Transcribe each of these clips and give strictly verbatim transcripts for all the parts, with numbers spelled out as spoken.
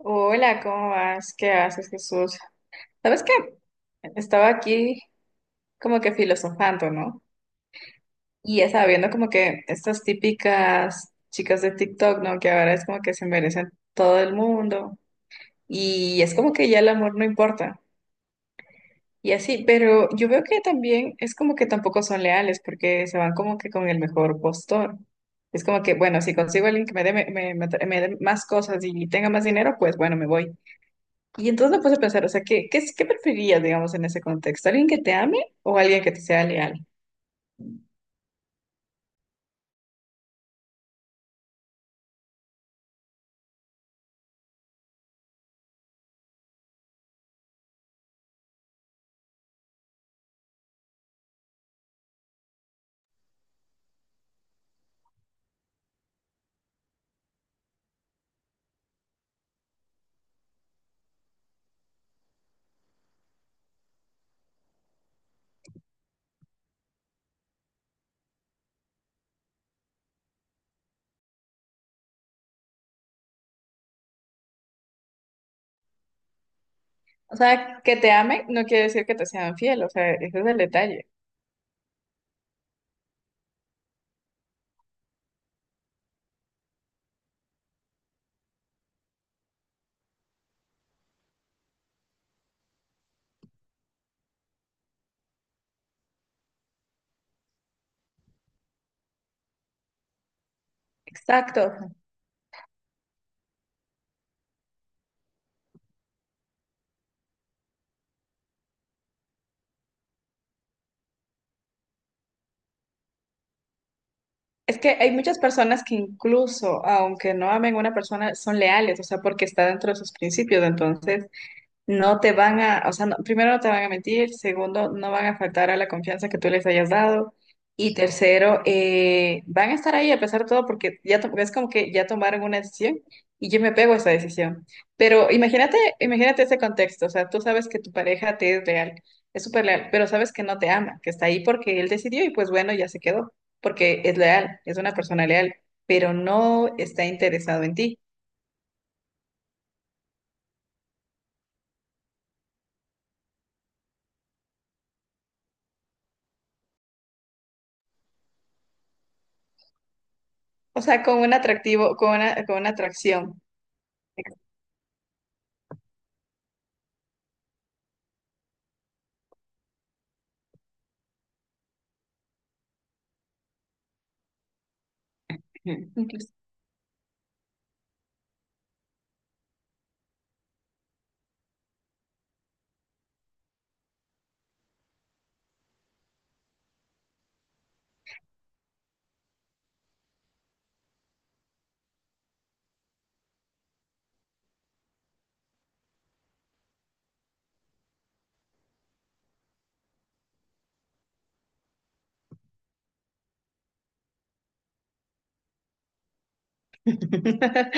Hola, ¿cómo vas? ¿Qué haces, Jesús? ¿Sabes qué? Estaba aquí como que filosofando, ¿no? Y ya estaba viendo como que estas típicas chicas de TikTok, ¿no? Que ahora es como que se merecen todo el mundo. Y es como que ya el amor no importa. Y así, pero yo veo que también es como que tampoco son leales porque se van como que con el mejor postor. Es como que, bueno, si consigo a alguien que me dé, me me- me dé más cosas y tenga más dinero, pues bueno, me voy. Y entonces me puse a pensar, o sea, ¿qué, qué, es- qué preferías, digamos, en ese contexto? ¿Alguien que te ame o alguien que te sea leal? O sea, que te ame no quiere decir que te sean fiel, o sea, ese es el detalle. Exacto. Es que hay muchas personas que incluso, aunque no amen a una persona, son leales, o sea, porque está dentro de sus principios. Entonces, no te van a, o sea, no- primero no te van a mentir, segundo, no van a faltar a la confianza que tú les hayas dado y tercero, eh, van a estar ahí a pesar de todo porque ya to- es como que ya tomaron una decisión y yo me pego a esa decisión. Pero imagínate, imagínate ese contexto, o sea, tú sabes que tu pareja te es real, es súper leal, pero sabes que no te ama, que está ahí porque él decidió y pues bueno, ya se quedó, porque es leal, es una persona leal, pero no está interesado en ti, o sea, con un atractivo, con una, con una atracción. Incluso...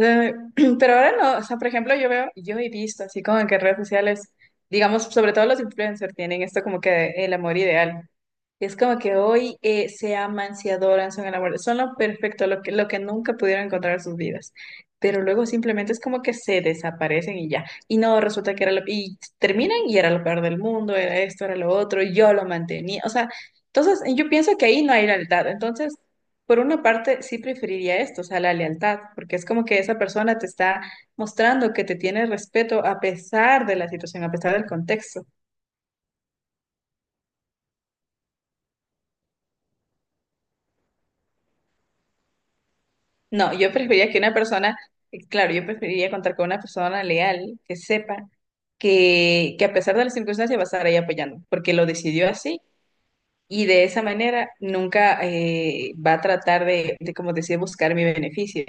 Eh, Pero ahora no, o sea, por ejemplo, yo veo, yo he visto así como que en redes sociales, digamos, sobre todo los influencers tienen esto como que el amor ideal. Es como que hoy eh, se aman, se adoran, son enamorados, son lo perfecto, lo que, lo que nunca pudieron encontrar en sus vidas. Pero luego simplemente es como que se desaparecen y ya. Y no, resulta que era lo... Y terminan y era lo peor del mundo, era esto, era lo otro, y yo lo mantenía. O sea, entonces yo pienso que ahí no hay lealtad. Entonces, por una parte, sí preferiría esto, o sea, la lealtad, porque es como que esa persona te está mostrando que te tiene respeto a pesar de la situación, a pesar del contexto. No, yo preferiría que una persona, claro, yo preferiría contar con una persona leal que sepa que, que a pesar de las circunstancias va a estar ahí apoyando, porque lo decidió así y de esa manera nunca eh, va a tratar de, de, como decía, buscar mi beneficio.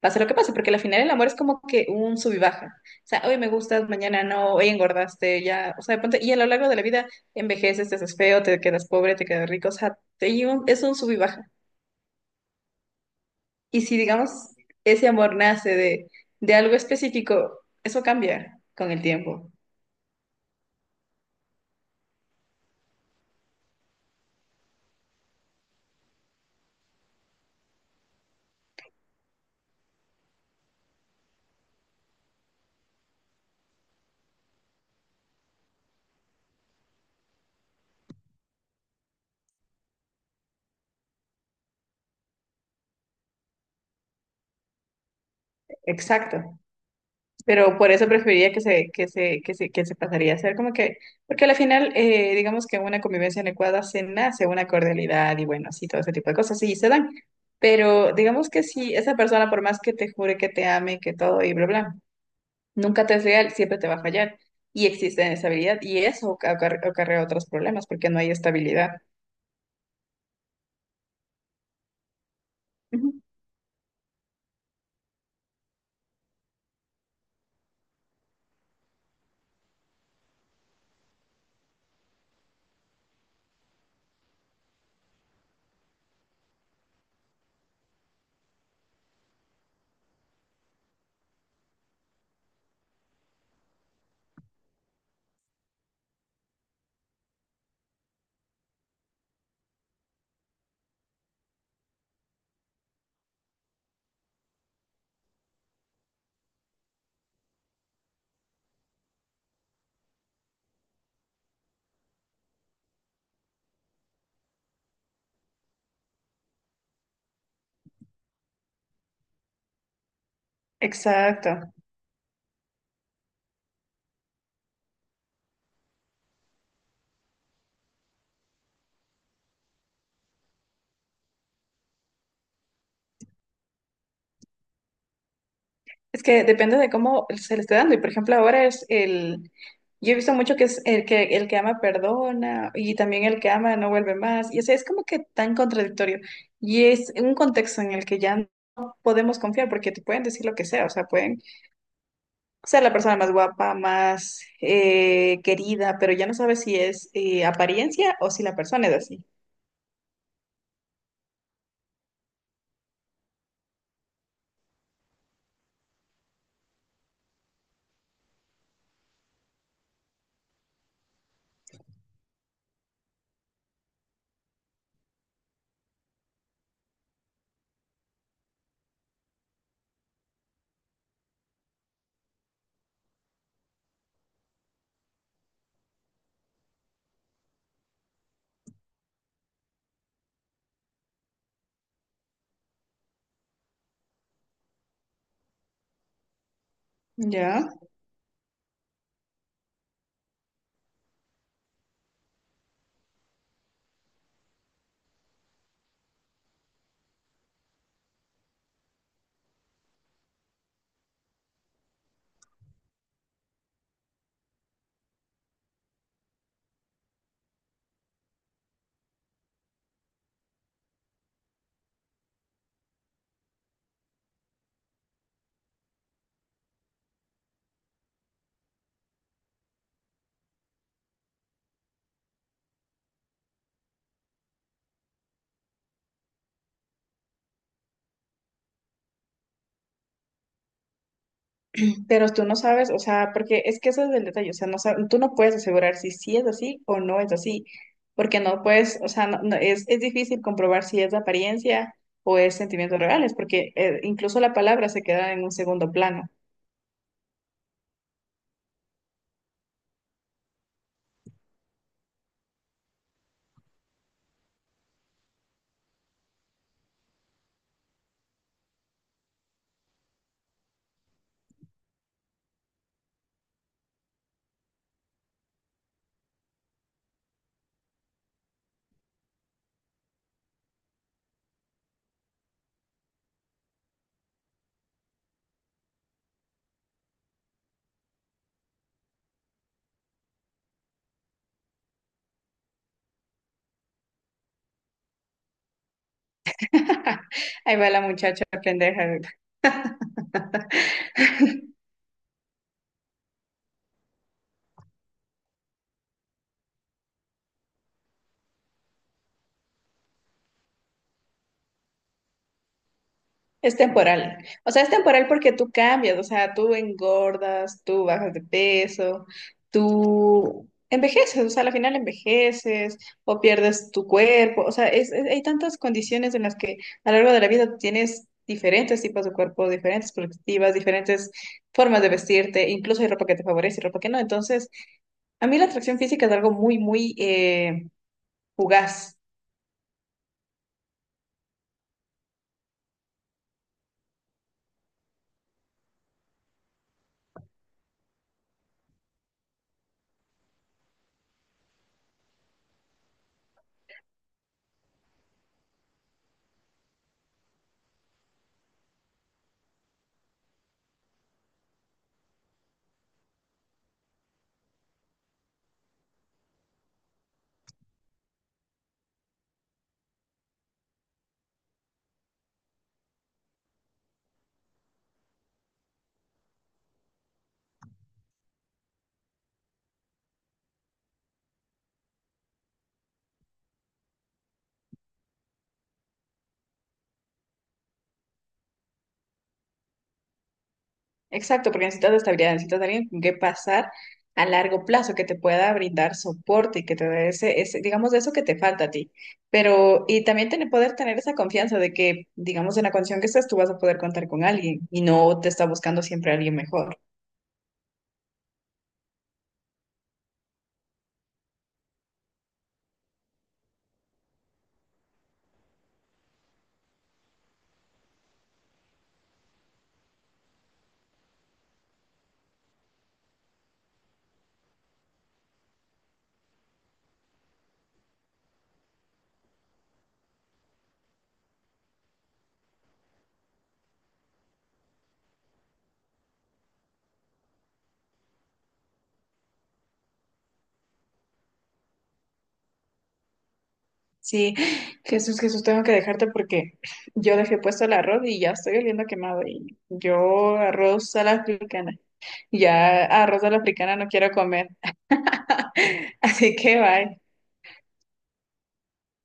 Pase lo que pase, porque al final el amor es como que un sub y baja. O sea, hoy me gustas, mañana no, hoy engordaste, ya, o sea, de pronto- y a lo largo de la vida envejeces, te haces feo, te quedas pobre, te quedas rico, o sea, te- y un- es un sub y baja. Y si, digamos, ese amor nace de, de algo específico, eso cambia con el tiempo. Exacto. Pero por eso preferiría que se, que se, que se, que se pasaría a ser como que, porque al final, eh, digamos que en una convivencia adecuada se nace una cordialidad y bueno, sí, todo ese tipo de cosas, sí, se dan. Pero digamos que si esa persona, por más que te jure que te ame, que todo y bla, bla, nunca te es real, siempre te va a fallar. Y existe inestabilidad y eso acar- acarrea otros problemas porque no hay estabilidad. Ujú. Exacto. Es que depende de cómo se le esté dando. Y por ejemplo, ahora es el. Yo he visto mucho que es el que el que ama perdona y también el que ama no vuelve más. Y o sea, es como que tan contradictorio. Y es un contexto en el que ya no podemos confiar porque te pueden decir lo que sea. O sea, pueden ser la persona más guapa, más eh, querida, pero ya no sabes si es eh, apariencia o si la persona es así. ¿Ya? Pero tú no sabes, o sea, porque es que ese es el detalle, o sea, no sab- tú no puedes asegurar si sí es así o no es así, porque no puedes, o sea, no- no- es, es difícil comprobar si es de apariencia o es sentimientos reales, porque eh, incluso la palabra se queda en un segundo plano. Ahí va la muchacha pendeja. Es temporal. O sea, es temporal porque tú cambias, o sea, tú engordas, tú bajas de peso, tú envejeces, o sea, al final envejeces o pierdes tu cuerpo. O sea, es, es- hay tantas condiciones en las que a lo largo de la vida tienes diferentes tipos de cuerpo, diferentes perspectivas, diferentes formas de vestirte, incluso hay ropa que te favorece y ropa que no. Entonces, a mí la atracción física es algo muy, muy eh, fugaz. Exacto, porque necesitas estabilidad, necesitas alguien con que pasar a largo plazo, que te pueda brindar soporte y que te dé ese, ese, digamos, eso que te falta a ti. Pero, y también tener, poder tener esa confianza de que, digamos, en la condición que estás, tú vas a poder contar con alguien y no te está buscando siempre alguien mejor. Sí, Jesús, Jesús, tengo que dejarte porque yo dejé puesto el arroz y ya estoy oliendo a quemado y yo arroz a la africana, ya arroz a la africana no quiero comer, así que bye.